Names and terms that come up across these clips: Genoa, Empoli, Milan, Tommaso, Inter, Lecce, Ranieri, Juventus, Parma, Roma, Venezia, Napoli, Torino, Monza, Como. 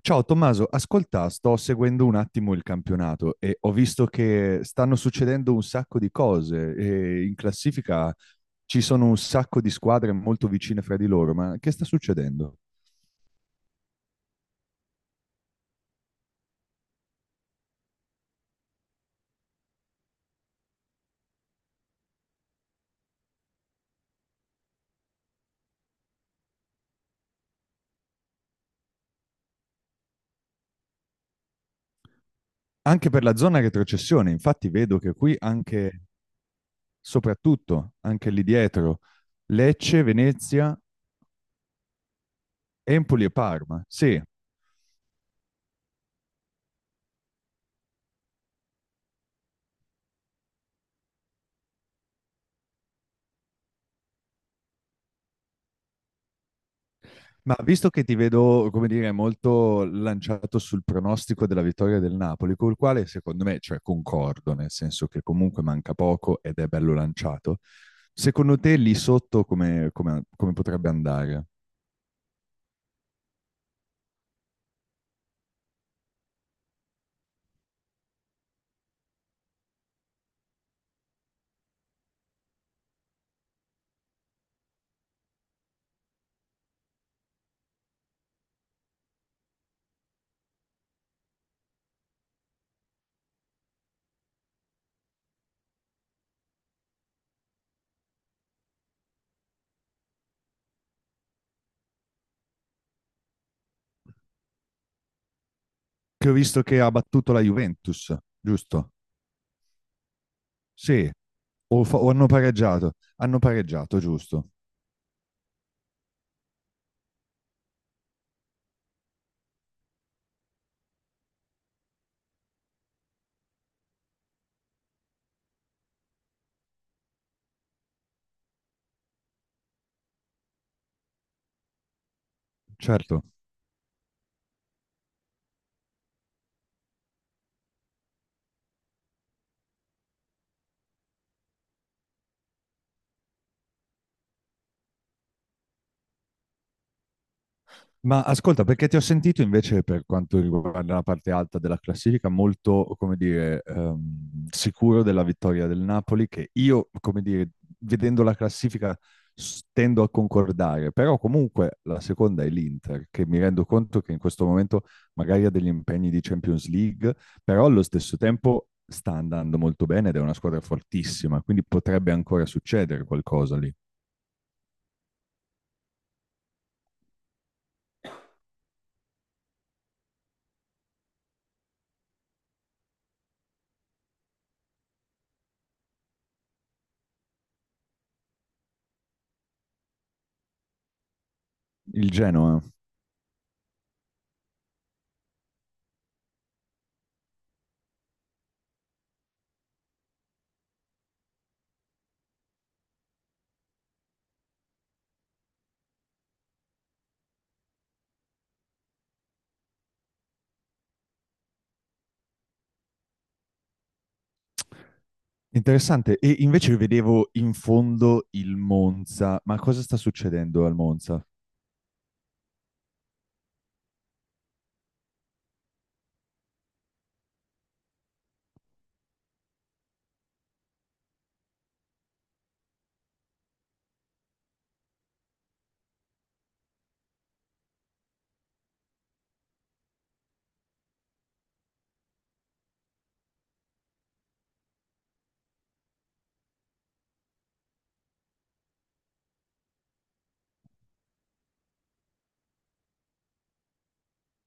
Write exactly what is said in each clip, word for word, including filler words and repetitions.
Ciao Tommaso, ascolta, sto seguendo un attimo il campionato e ho visto che stanno succedendo un sacco di cose e in classifica ci sono un sacco di squadre molto vicine fra di loro, ma che sta succedendo? Anche per la zona retrocessione, infatti vedo che qui anche, soprattutto, anche lì dietro, Lecce, Venezia, Empoli e Parma. Sì. Ma visto che ti vedo, come dire, molto lanciato sul pronostico della vittoria del Napoli, col quale secondo me, cioè concordo, nel senso che comunque manca poco ed è bello lanciato, secondo te lì sotto come, come- come potrebbe andare? Che ho visto che ha battuto la Juventus, giusto? Sì, o, fa- o hanno pareggiato? Hanno pareggiato, giusto? Certo. Ma ascolta, perché ti ho sentito invece per quanto riguarda la parte alta della classifica molto, come dire, ehm, sicuro della vittoria del Napoli, che io, come dire, vedendo la classifica s- tendo a concordare, però comunque la seconda è l'Inter, che mi rendo conto che in questo momento magari ha degli impegni di Champions League, però allo stesso tempo sta andando molto bene ed è una squadra fortissima, quindi potrebbe ancora succedere qualcosa lì. Il Genoa. Interessante. E invece vedevo in fondo il Monza. Ma cosa sta succedendo al Monza?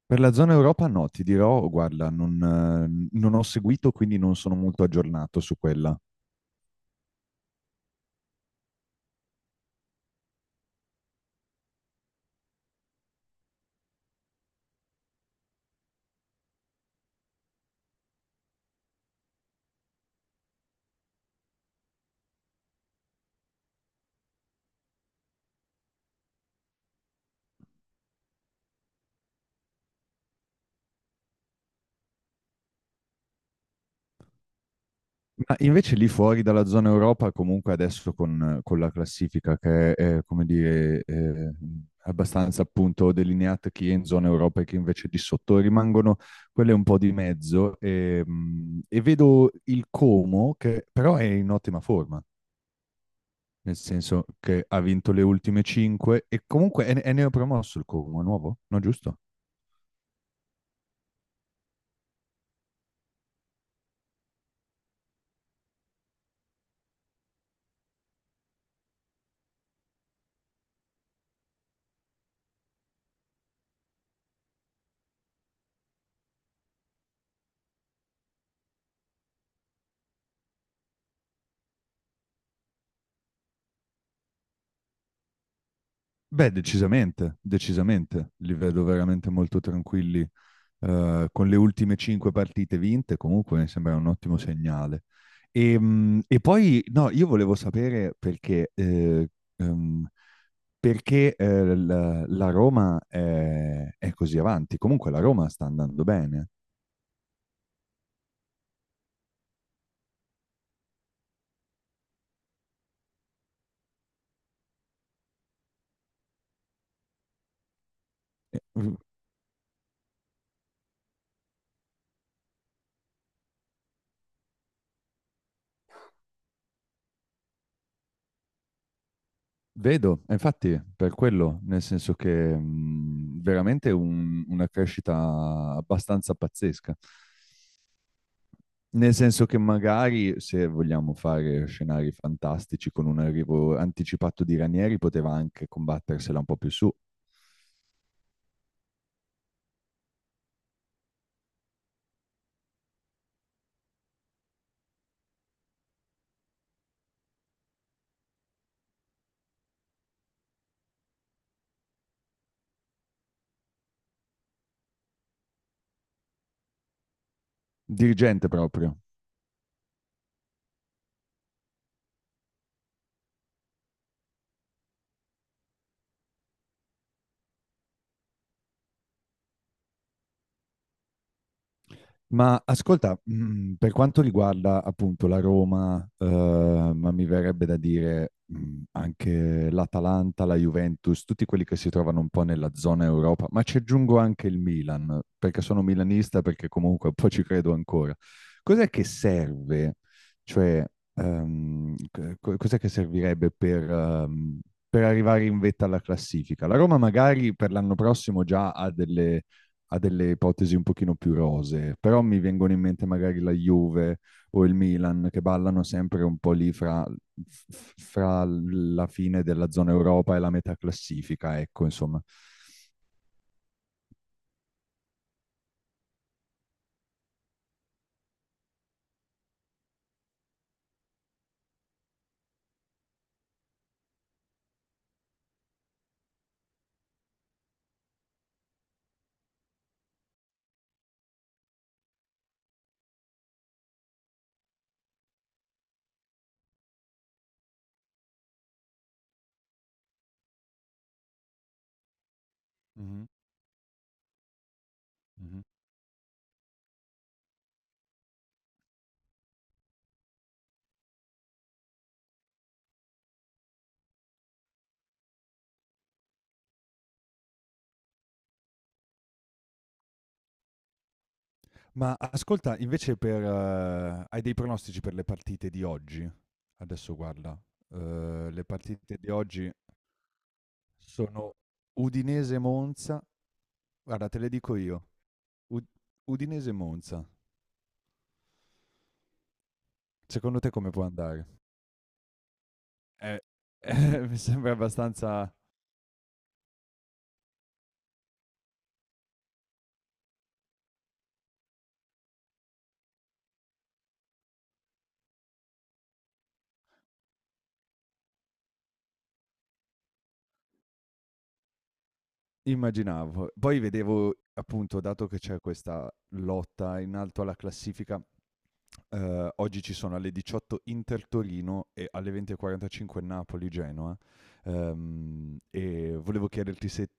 Per la zona Europa no, ti dirò, guarda, non, eh, non ho seguito, quindi non sono molto aggiornato su quella. Ma invece lì fuori dalla zona Europa, comunque adesso con, con la classifica che è, eh, come dire, eh, abbastanza appunto delineata chi è in zona Europa e chi invece di sotto, rimangono quelle un po' di mezzo. E, mm, e vedo il Como che però è in ottima forma. Nel senso che ha vinto le ultime cinque e comunque è, è neopromosso il Como, è nuovo, no giusto? Beh, decisamente, decisamente, li vedo veramente molto tranquilli. Eh, con le ultime cinque partite vinte, comunque mi sembra un ottimo segnale. E, mm, e poi, no, io volevo sapere perché, eh, ehm, perché eh, la, la Roma è, è così avanti. Comunque la Roma sta andando bene. Eh. Vedo, e infatti, per quello, nel senso che mh, veramente un- una crescita abbastanza pazzesca. Nel senso che magari se vogliamo fare scenari fantastici con un arrivo anticipato di Ranieri, poteva anche combattersela un po' più su. Dirigente proprio. Ma ascolta, mm, per quanto riguarda appunto la Roma, eh, ma mi verrebbe da dire mm, anche l'Atalanta, la Juventus, tutti quelli che si trovano un po' nella zona Europa, ma ci aggiungo anche il Milan, perché sono milanista, perché comunque un po' ci credo ancora. Cos'è che serve? Cioè, ehm, co- cos'è che servirebbe per, ehm, per arrivare in vetta alla classifica? La Roma magari per l'anno prossimo già ha delle a delle ipotesi un pochino più rosee, però mi vengono in mente magari la Juve o il Milan che ballano sempre un po' lì fra, f- fra la fine della zona Europa e la metà classifica, ecco, insomma. Mhm, mhm. Ma ascolta, invece per, eh, hai dei pronostici per le partite di oggi? Adesso guarda, eh, le partite di oggi sono Udinese-Monza. Guarda, te le dico io. Ud- Udinese-Monza. Secondo te come può andare? Eh, eh, mi sembra abbastanza immaginavo. Poi vedevo, appunto, dato che c'è questa lotta in alto alla classifica, eh, oggi ci sono alle diciotto Inter Torino e alle venti e quarantacinque Napoli Genoa. Ehm, e volevo chiederti se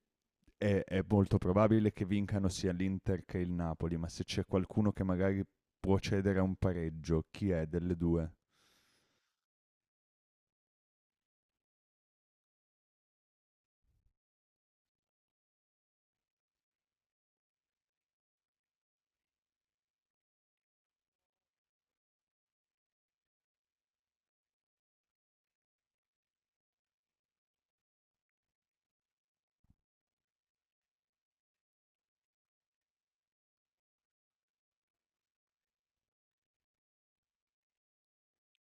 è, è molto probabile che vincano sia l'Inter che il Napoli, ma se c'è qualcuno che magari può cedere a un pareggio, chi è delle due?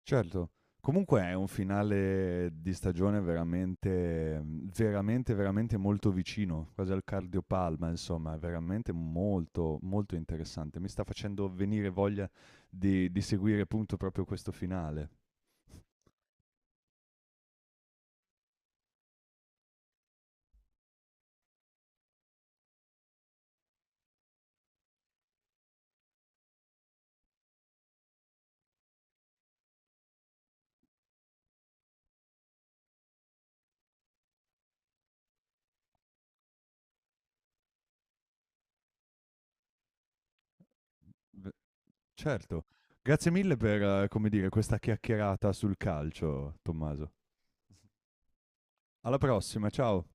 Certo. Comunque è un finale di stagione veramente veramente, veramente molto vicino, quasi al cardiopalma, insomma, è veramente molto, molto interessante. Mi sta facendo venire voglia di di seguire appunto proprio questo finale. V certo. Grazie mille per, eh, come dire, questa chiacchierata sul calcio, Tommaso. Alla prossima, ciao.